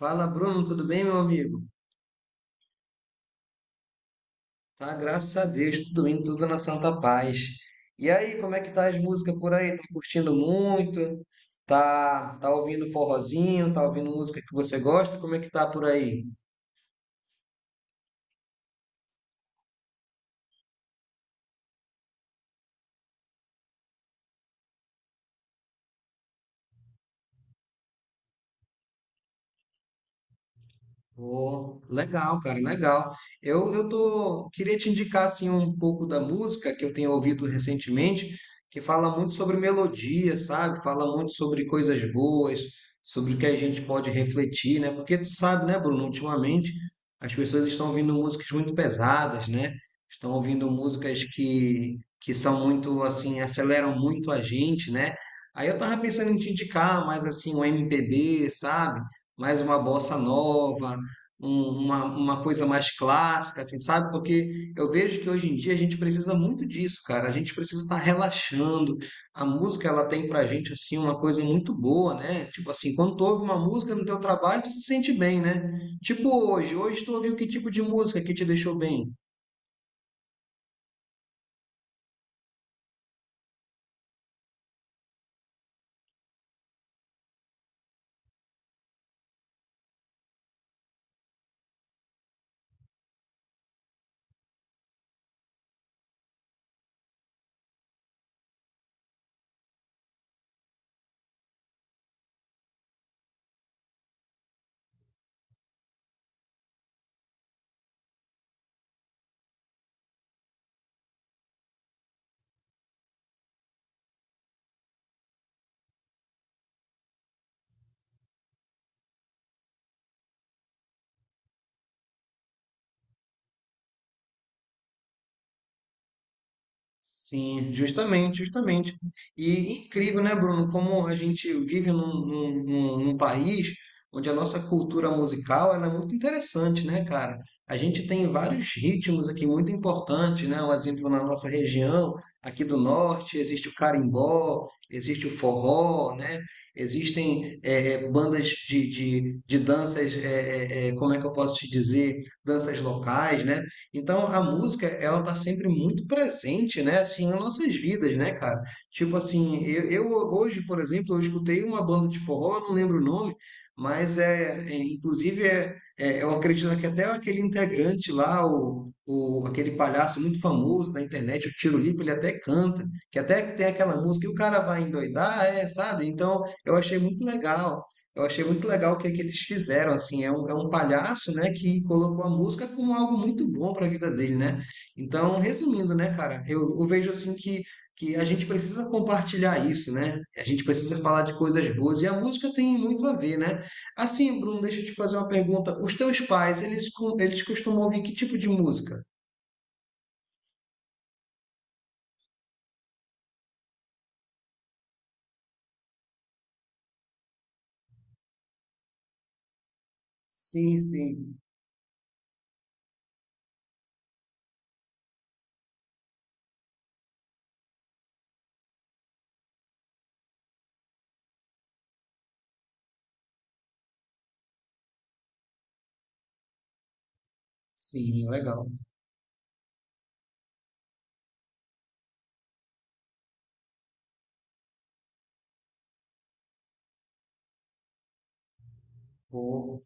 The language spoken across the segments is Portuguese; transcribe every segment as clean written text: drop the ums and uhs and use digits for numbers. Fala, Bruno, tudo bem, meu amigo? Tá, graças a Deus, tudo indo, tudo na santa paz. E aí, como é que tá as músicas por aí? Tá curtindo muito? Tá, tá ouvindo forrozinho? Tá ouvindo música que você gosta? Como é que tá por aí? Cara, legal. Eu tô, queria te indicar assim um pouco da música que eu tenho ouvido recentemente, que fala muito sobre melodia, sabe? Fala muito sobre coisas boas, sobre o que a gente pode refletir, né? Porque tu sabe, né, Bruno, ultimamente as pessoas estão ouvindo músicas muito pesadas, né? Estão ouvindo músicas que são muito assim, aceleram muito a gente, né? Aí eu tava pensando em te indicar mais assim um MPB, sabe? Mais uma bossa nova, uma coisa mais clássica, assim, sabe? Porque eu vejo que hoje em dia a gente precisa muito disso, cara. A gente precisa estar relaxando. A música, ela tem pra gente, assim, uma coisa muito boa, né? Tipo assim, quando tu ouve uma música no teu trabalho, tu se sente bem, né? Tipo hoje, hoje tu ouviu que tipo de música que te deixou bem? Sim, justamente, justamente. E incrível, né, Bruno, como a gente vive num país onde a nossa cultura musical ela é muito interessante, né, cara? A gente tem vários ritmos aqui muito importantes, né? Um exemplo na nossa região, aqui do norte, existe o carimbó, existe o forró, né? Existem bandas de danças, como é que eu posso te dizer? Danças locais, né? Então a música, ela tá sempre muito presente, né, assim, nas nossas vidas, né, cara? Tipo assim, eu hoje, por exemplo, eu escutei uma banda de forró, eu não lembro o nome, mas inclusive eu acredito que até aquele integrante lá, o aquele palhaço muito famoso da internet, o Tiro ele até canta, que até tem aquela música e o cara vai endoidar, é, sabe? Então eu achei muito legal. Eu achei muito legal o que, é que eles fizeram, assim, é um palhaço, né, que colocou a música como algo muito bom para a vida dele, né? Então, resumindo, né, cara, eu vejo assim que a gente precisa compartilhar isso, né? A gente precisa falar de coisas boas e a música tem muito a ver, né? Assim, Bruno, deixa eu te fazer uma pergunta. Os teus pais, eles, eles costumam ouvir que tipo de música? Sim, sim. Sim, legal. Vou.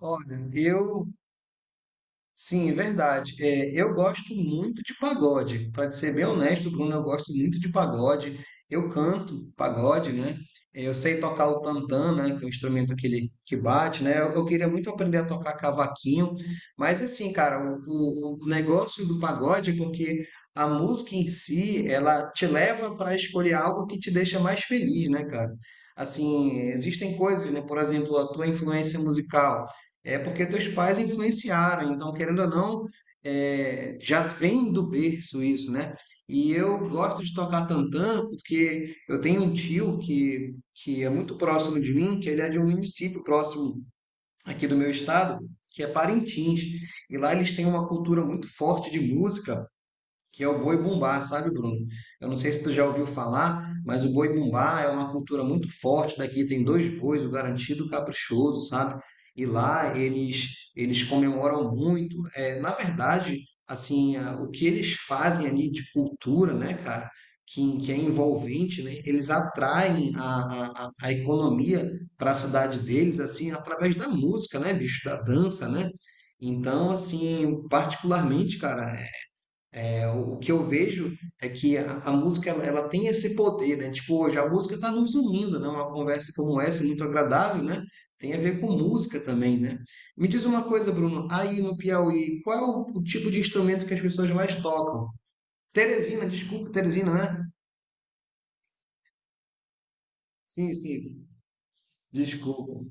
Olha, eu. Sim, é verdade. É, eu gosto muito de pagode. Para ser bem honesto, Bruno, eu gosto muito de pagode. Eu canto pagode, né? É, eu sei tocar o tantã, né? Que é o instrumento aquele que bate, né? Eu queria muito aprender a tocar cavaquinho, mas assim, cara, o negócio do pagode é porque a música em si, ela te leva para escolher algo que te deixa mais feliz, né, cara? Assim, existem coisas, né? Por exemplo, a tua influência musical. É porque teus pais influenciaram, então, querendo ou não, é, já vem do berço isso, né? E eu gosto de tocar tantã porque eu tenho um tio que é muito próximo de mim, que ele é de um município próximo aqui do meu estado, que é Parintins. E lá eles têm uma cultura muito forte de música, que é o boi bumbá, sabe, Bruno? Eu não sei se tu já ouviu falar, mas o boi bumbá é uma cultura muito forte daqui. Tem dois bois, o garantido e o caprichoso, sabe? E lá eles comemoram muito. É, na verdade, assim, o que eles fazem ali de cultura, né, cara? Que é envolvente, né? Eles atraem a a economia para a cidade deles, assim, através da música, né, bicho? Da dança, né? Então, assim, particularmente, cara, é, o que eu vejo é que a música ela, ela tem esse poder, né? Tipo, hoje a música está nos unindo, né? Uma conversa como essa, muito agradável, né? Tem a ver com música também, né? Me diz uma coisa, Bruno, aí no Piauí, qual é o tipo de instrumento que as pessoas mais tocam? Teresina, desculpa, Teresina, né? Sim, sim, desculpa.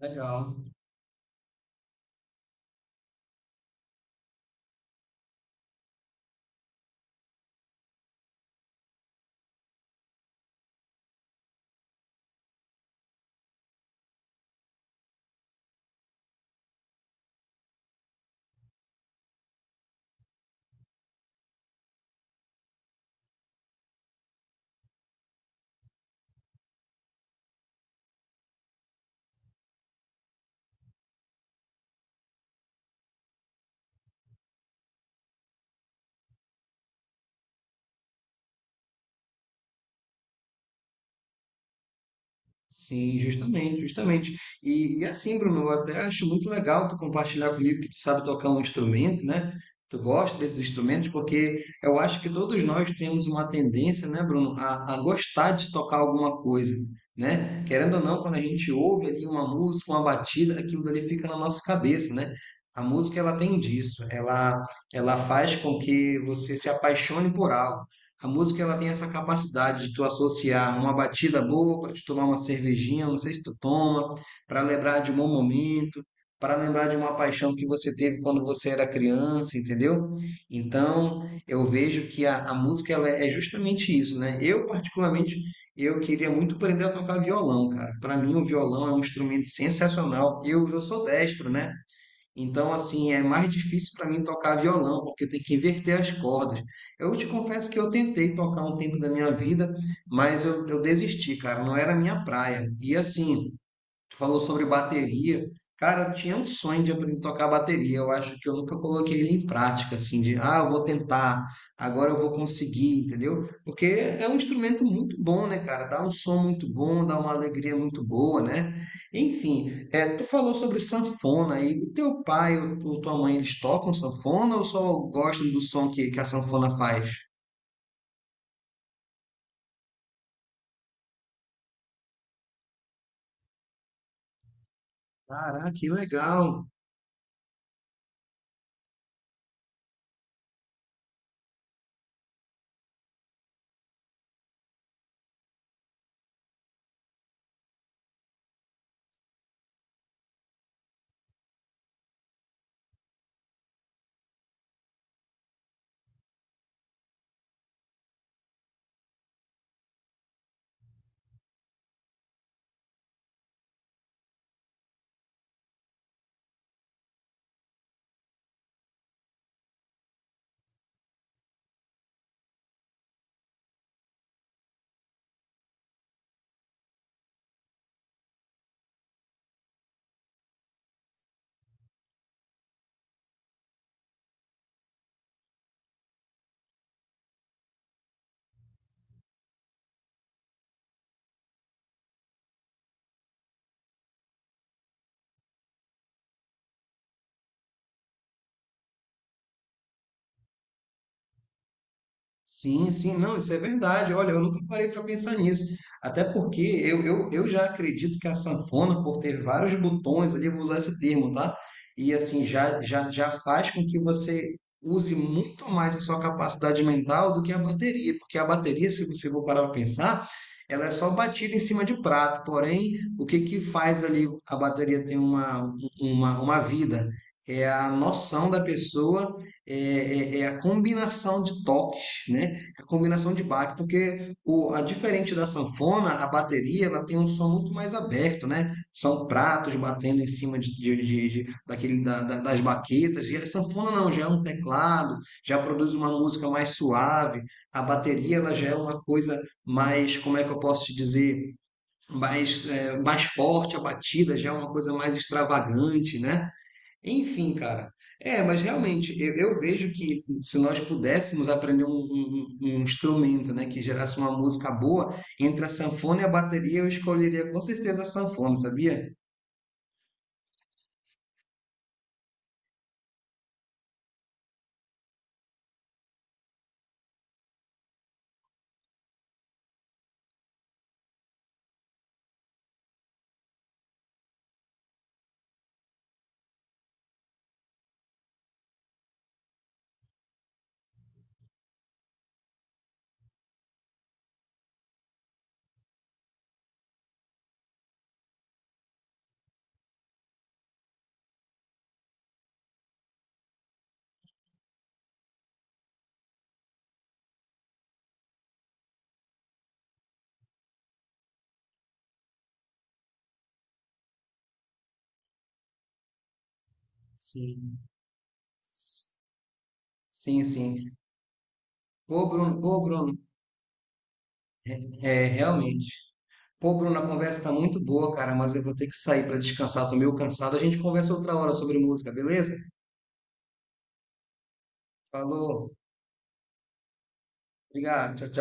Legal. Sim, justamente, justamente. E assim, Bruno, eu até acho muito legal tu compartilhar comigo que tu sabe tocar um instrumento, né? Tu gosta desses instrumentos, porque eu acho que todos nós temos uma tendência, né, Bruno, a gostar de tocar alguma coisa, né? Querendo ou não, quando a gente ouve ali uma música, uma batida, aquilo ali fica na nossa cabeça, né? A música, ela tem disso, ela faz com que você se apaixone por algo. A música ela tem essa capacidade de tu associar uma batida boa para te tomar uma cervejinha, não sei se tu toma, para lembrar de um bom momento, para lembrar de uma paixão que você teve quando você era criança, entendeu? Então, eu vejo que a música ela é justamente isso, né? Eu particularmente eu queria muito aprender a tocar violão, cara. Para mim o violão é um instrumento sensacional. Eu sou destro, né? Então, assim, é mais difícil para mim tocar violão, porque tem que inverter as cordas. Eu te confesso que eu tentei tocar um tempo da minha vida, mas eu desisti, cara, não era a minha praia. E assim, tu falou sobre bateria. Cara, eu tinha um sonho de aprender a tocar bateria. Eu acho que eu nunca coloquei ele em prática, assim, de, ah, eu vou tentar, agora eu vou conseguir, entendeu? Porque é um instrumento muito bom, né, cara? Dá um som muito bom, dá uma alegria muito boa, né? Enfim, é, tu falou sobre sanfona aí. O teu pai ou tua mãe, eles tocam sanfona ou só gostam do som que a sanfona faz? Caraca, que legal! Sim, sim, não, isso é verdade. Olha, eu nunca parei para pensar nisso. Até porque eu já acredito que a sanfona, por ter vários botões ali, eu vou usar esse termo, tá? E assim, já faz com que você use muito mais a sua capacidade mental do que a bateria. Porque a bateria, se você for parar para pensar, ela é só batida em cima de prato. Porém, o que que faz ali a bateria ter uma, uma vida? É a noção da pessoa é, é a combinação de toques, né? A combinação de baque, porque o, a diferente da sanfona, a bateria, ela tem um som muito mais aberto, né? São pratos batendo em cima de, daquele, das baquetas. E a sanfona não, já é um teclado, já produz uma música mais suave. A bateria, ela já é uma coisa mais, como é que eu posso te dizer? Mais, é, mais forte a batida, já é uma coisa mais extravagante, né? Enfim, cara. É, mas realmente, eu vejo que se nós pudéssemos aprender um, um instrumento, né, que gerasse uma música boa, entre a sanfona e a bateria, eu escolheria com certeza a sanfona, sabia? Sim. Sim, sim. Pô, Bruno, é, realmente. Pô, Bruno, a conversa tá muito boa, cara, mas eu vou ter que sair para descansar, tô meio cansado. A gente conversa outra hora sobre música, beleza? Falou, obrigado, tchau, tchau.